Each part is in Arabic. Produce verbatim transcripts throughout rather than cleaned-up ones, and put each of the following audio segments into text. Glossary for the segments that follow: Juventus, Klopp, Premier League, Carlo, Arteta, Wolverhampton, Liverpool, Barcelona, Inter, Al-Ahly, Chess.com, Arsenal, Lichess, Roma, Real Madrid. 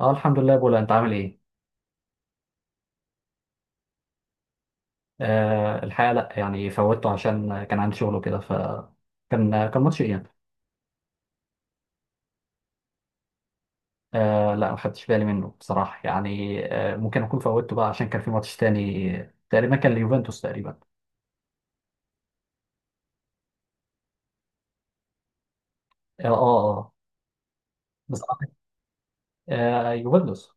اه الحمد لله بولا، انت عامل ايه؟ آه الحقيقه لا يعني فوتته عشان كان عندي شغل وكده ف كان كان ماتش اياب. آه لا، ما خدتش بالي منه بصراحه، يعني آه ممكن اكون فوتته بقى عشان كان في ماتش تاني، تقريبا كان ليوفنتوس تقريبا. اه اه, آه. بصراحه آه آه، يوفنتوس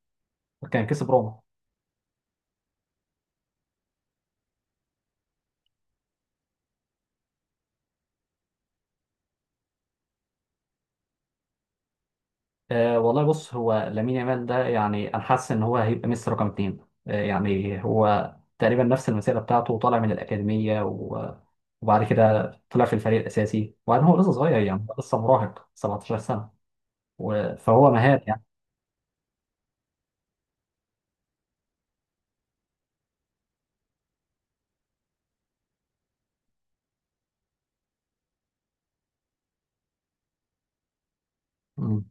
كان كسب روما. أه والله بص، هو لامين يامال ده يعني انا حاسس ان هو هيبقى ميسي رقم اتنين. أه يعني هو تقريبا نفس المسيره بتاعته، طالع من الاكاديميه و- وبعد كده طلع في الفريق الاساسي، وبعدين هو لسه صغير يعني، هو لسه مراهق سبعة عشر سنه و- فهو مهاري يعني. مم.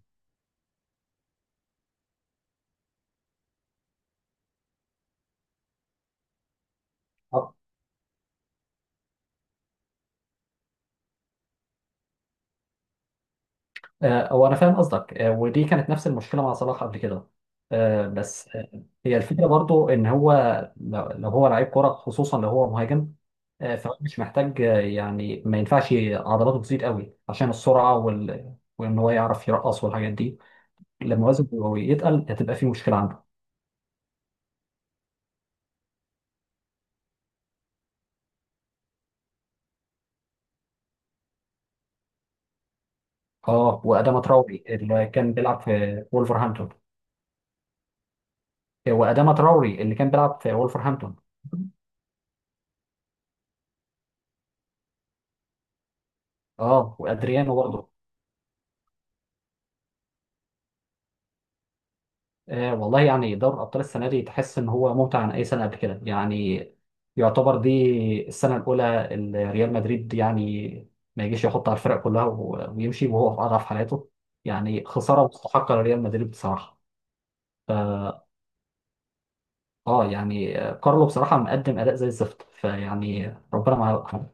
آه، هو انا فاهم قصدك، آه، ودي كانت نفس المشكله مع صلاح قبل كده. آه، بس آه، هي الفكره برضو ان هو لو لو هو لعيب كره، خصوصا لو هو مهاجم. آه، فهو مش محتاج آه، يعني ما ينفعش عضلاته تزيد قوي عشان السرعه وال... وان هو يعرف يرقص والحاجات دي. لما وزنه يتقل هتبقى في مشكله عنده. اه، واداما تراوري اللي كان بيلعب في وولفرهامبتون. آه، واداما تراوري اللي كان بيلعب في وولفرهامبتون. اه، وادريانو برضه. آه والله يعني دوري الأبطال السنة دي تحس إن هو ممتع عن أي سنة قبل كده يعني. يعتبر دي السنة الأولى اللي ريال مدريد يعني ما يجيش يحط على الفرق كلها و- ويمشي وهو في أضعف حالاته. يعني خسارة مستحقة لريال مدريد بصراحة. اه يعني آه، كارلو بصراحة مقدم أداء زي الزفت، فيعني ربنا معاه.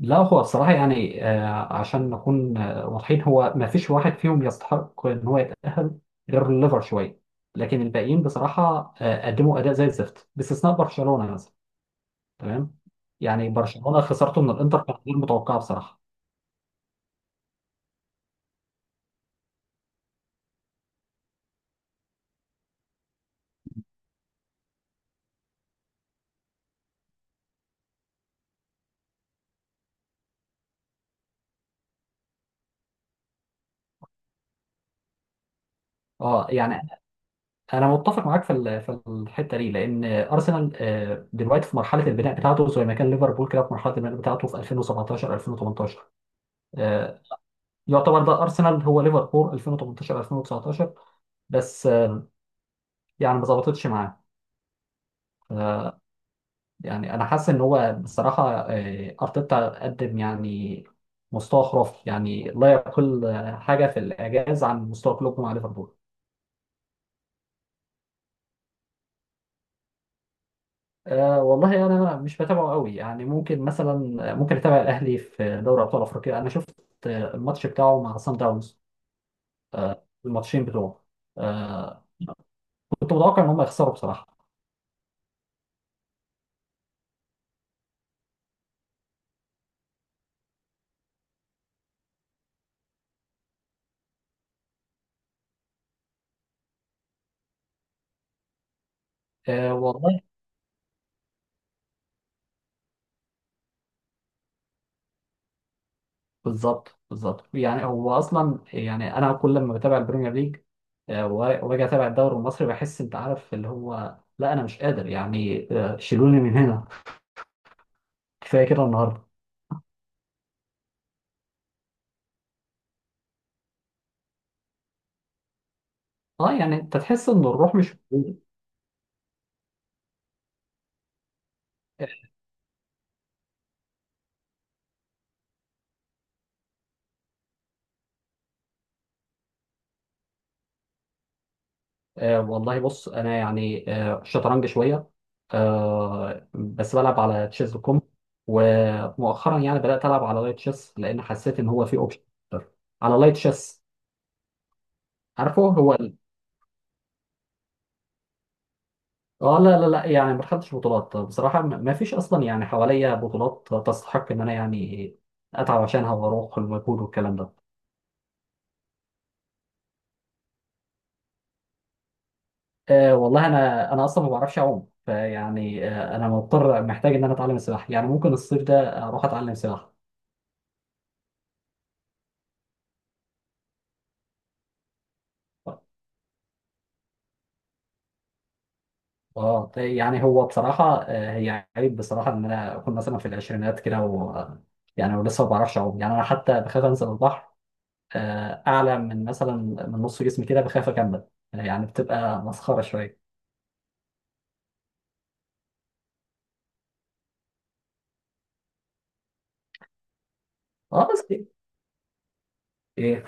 لا، هو الصراحة يعني آه، عشان نكون آه، واضحين، هو ما فيش واحد فيهم يستحق إن هو يتأهل غير الليفر شوية. لكن الباقيين بصراحة آه، قدموا أداء زي الزفت باستثناء برشلونة مثلا. تمام. يعني برشلونة خسارته من الإنتر كانت غير متوقعة بصراحة. اه يعني أنا متفق معاك في ال- في الحتة دي، لأن أرسنال آه، دلوقتي في مرحلة البناء بتاعته، زي ما كان ليفربول كده في مرحلة البناء بتاعته في ألفين وسبعة عشر ألفين وتمنتاشر. آه، يعتبر ده أرسنال هو ليفربول ألفين وتمنتاشر ألفين وتسعتاشر بس، يعني ما ظبطتش معاه. آه، يعني انا حاسس ان هو بصراحه آه، ارتيتا قدم يعني مستوى خرافي، يعني لا يقل آه، حاجه في الاعجاز عن مستوى كلوب مع ليفربول. أه والله يعني انا مش بتابعه قوي، يعني ممكن مثلا ممكن اتابع الاهلي في دوري ابطال افريقيا. انا شفت آه، الماتش بتاعه مع سان داونز، آه، الماتشين بتوعه. أه، كنت متوقع ان هم يخسروا بصراحه. أه والله بالظبط بالظبط، يعني هو اصلا يعني انا كل لما بتابع البريمير ليج آه، و- واجي اتابع الدوري المصري بحس انت عارف اللي هو لا، انا مش قادر يعني آه، شيلوني من هنا. كفايه كده النهارده. اه يعني انت تحس ان الروح مش موجوده. آه والله بص، انا يعني آه شطرنج شويه. آه بس بلعب على تشيز دوت كوم، ومؤخرا يعني بدات العب على لايت تشيس لان حسيت ان هو في اوبشن. على لايت تشيس. عارفه هو. اه لا لا لا، يعني ما خدتش بطولات بصراحة، ما ما فيش أصلا يعني حواليا بطولات تستحق إن أنا يعني أتعب عشانها وأروح المجهود والكلام ده. آه والله، أنا أنا أصلا ما بعرفش أعوم، فيعني آه أنا مضطر، محتاج إن أنا أتعلم السباحة. يعني ممكن الصيف ده أروح أتعلم سباحة. اه يعني هو بصراحة آه، هي عيب بصراحة إن أنا أكون مثلا في العشرينات كده و يعني ولسه ما بعرفش أعوم. يعني أنا حتى بخاف أنزل البحر آه، أعلى من مثلا من نص جسمي كده، بخاف أكمل. يعني بتبقى مسخرة شوية. اه بس ايه.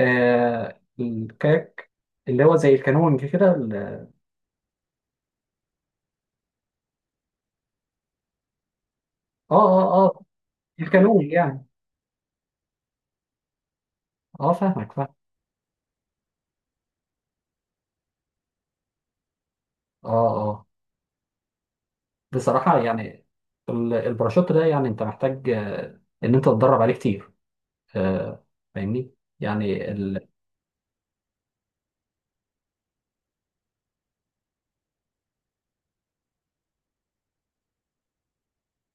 آه الكاك، اللي هو زي الكانون كده ال- اه اه اه الكانون يعني. اه فاهمك فاهم. اه اه بصراحة يعني ال- الباراشوت ده يعني انت محتاج آه، ان انت تتدرب عليه كتير. آه فاهمني. يعني ال...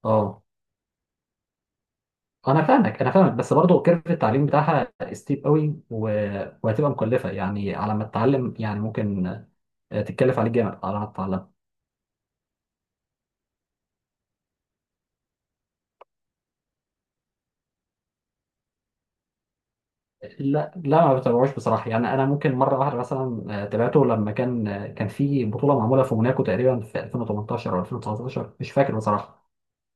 اه انا فاهمك انا فاهمك، بس برضه كيرف التعليم بتاعها ستيب قوي و... وهتبقى مكلفة يعني على ما تتعلم، يعني ممكن آه، تتكلف عليك جامد على ما تتعلم. لا لا، ما بتابعوش بصراحة. يعني أنا ممكن مرة واحدة مثلا آه، تابعته لما كان آه، كان في بطولة معمولة في موناكو تقريبا في ألفين وتمنتاشر أو ألفين وتسعتاشر، مش فاكر بصراحة.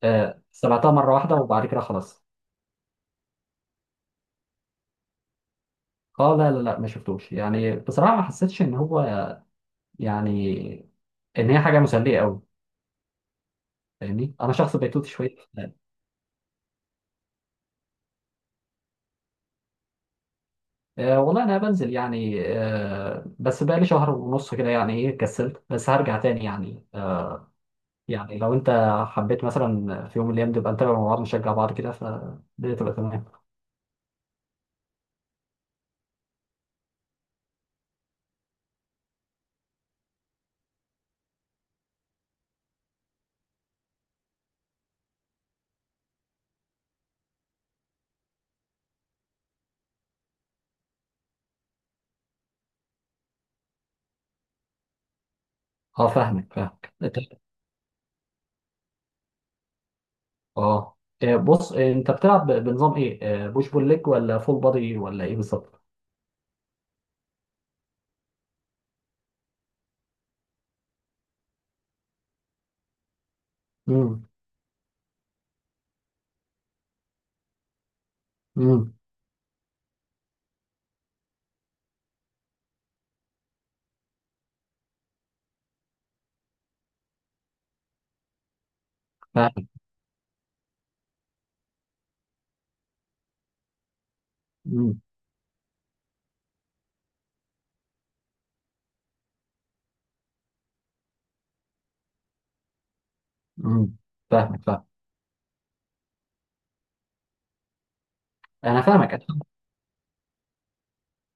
آه، سمعتها مرة واحدة وبعد كده خلاص. اه لا لا لا، ما شفتوش يعني بصراحة، ما حسيتش إن هو يعني إن هي حاجة مسلية أوي. فاهمني، أنا شخص بيتوتي شوية. أه والله أنا بنزل يعني، أه بس بقالي شهر ونص كده يعني، إيه كسلت، بس هرجع تاني يعني. يعني لو انت حبيت مثلا في يوم من الايام نبقى نتابع مع بعض، نشجع بعض كده، فالدنيا تبقى تمام. اه فاهمك فاهمك اه. آه، إيه، بص آه، انت بتلعب ب- بنظام ايه؟ آه، بوش بول ليج ولا فول بادي ولا ايه بالظبط؟ امم. امم. فاهمك. امم. امم. فاهمك فاهم. انا فاهمك أنا فاهمك.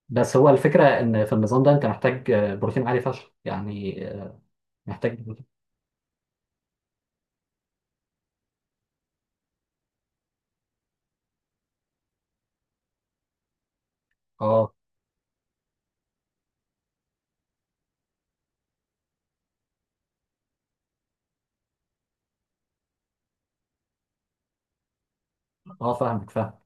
بس هو الفكره ان في النظام ده انت محتاج آه، بروتين عالي فشخ يعني آه، محتاج بروتين. اه اه فاهمك فاهم.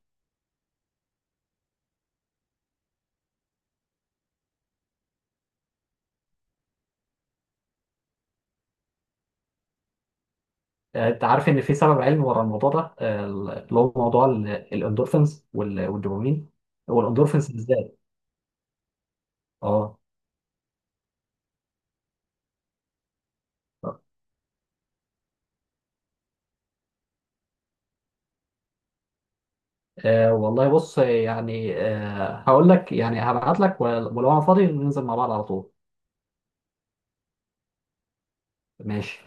آه، انت عارف ان في سبب علمي ورا الموضوع ده آه، اللي هو موضوع ال- الاندورفينز وال- والدوبامين، والاندورفينز بالذات. اه آه، والله بص يعني آه، هقول لك يعني هبعت لك، ول- ولو انا فاضي ننزل مع بعض على طول. ماشي.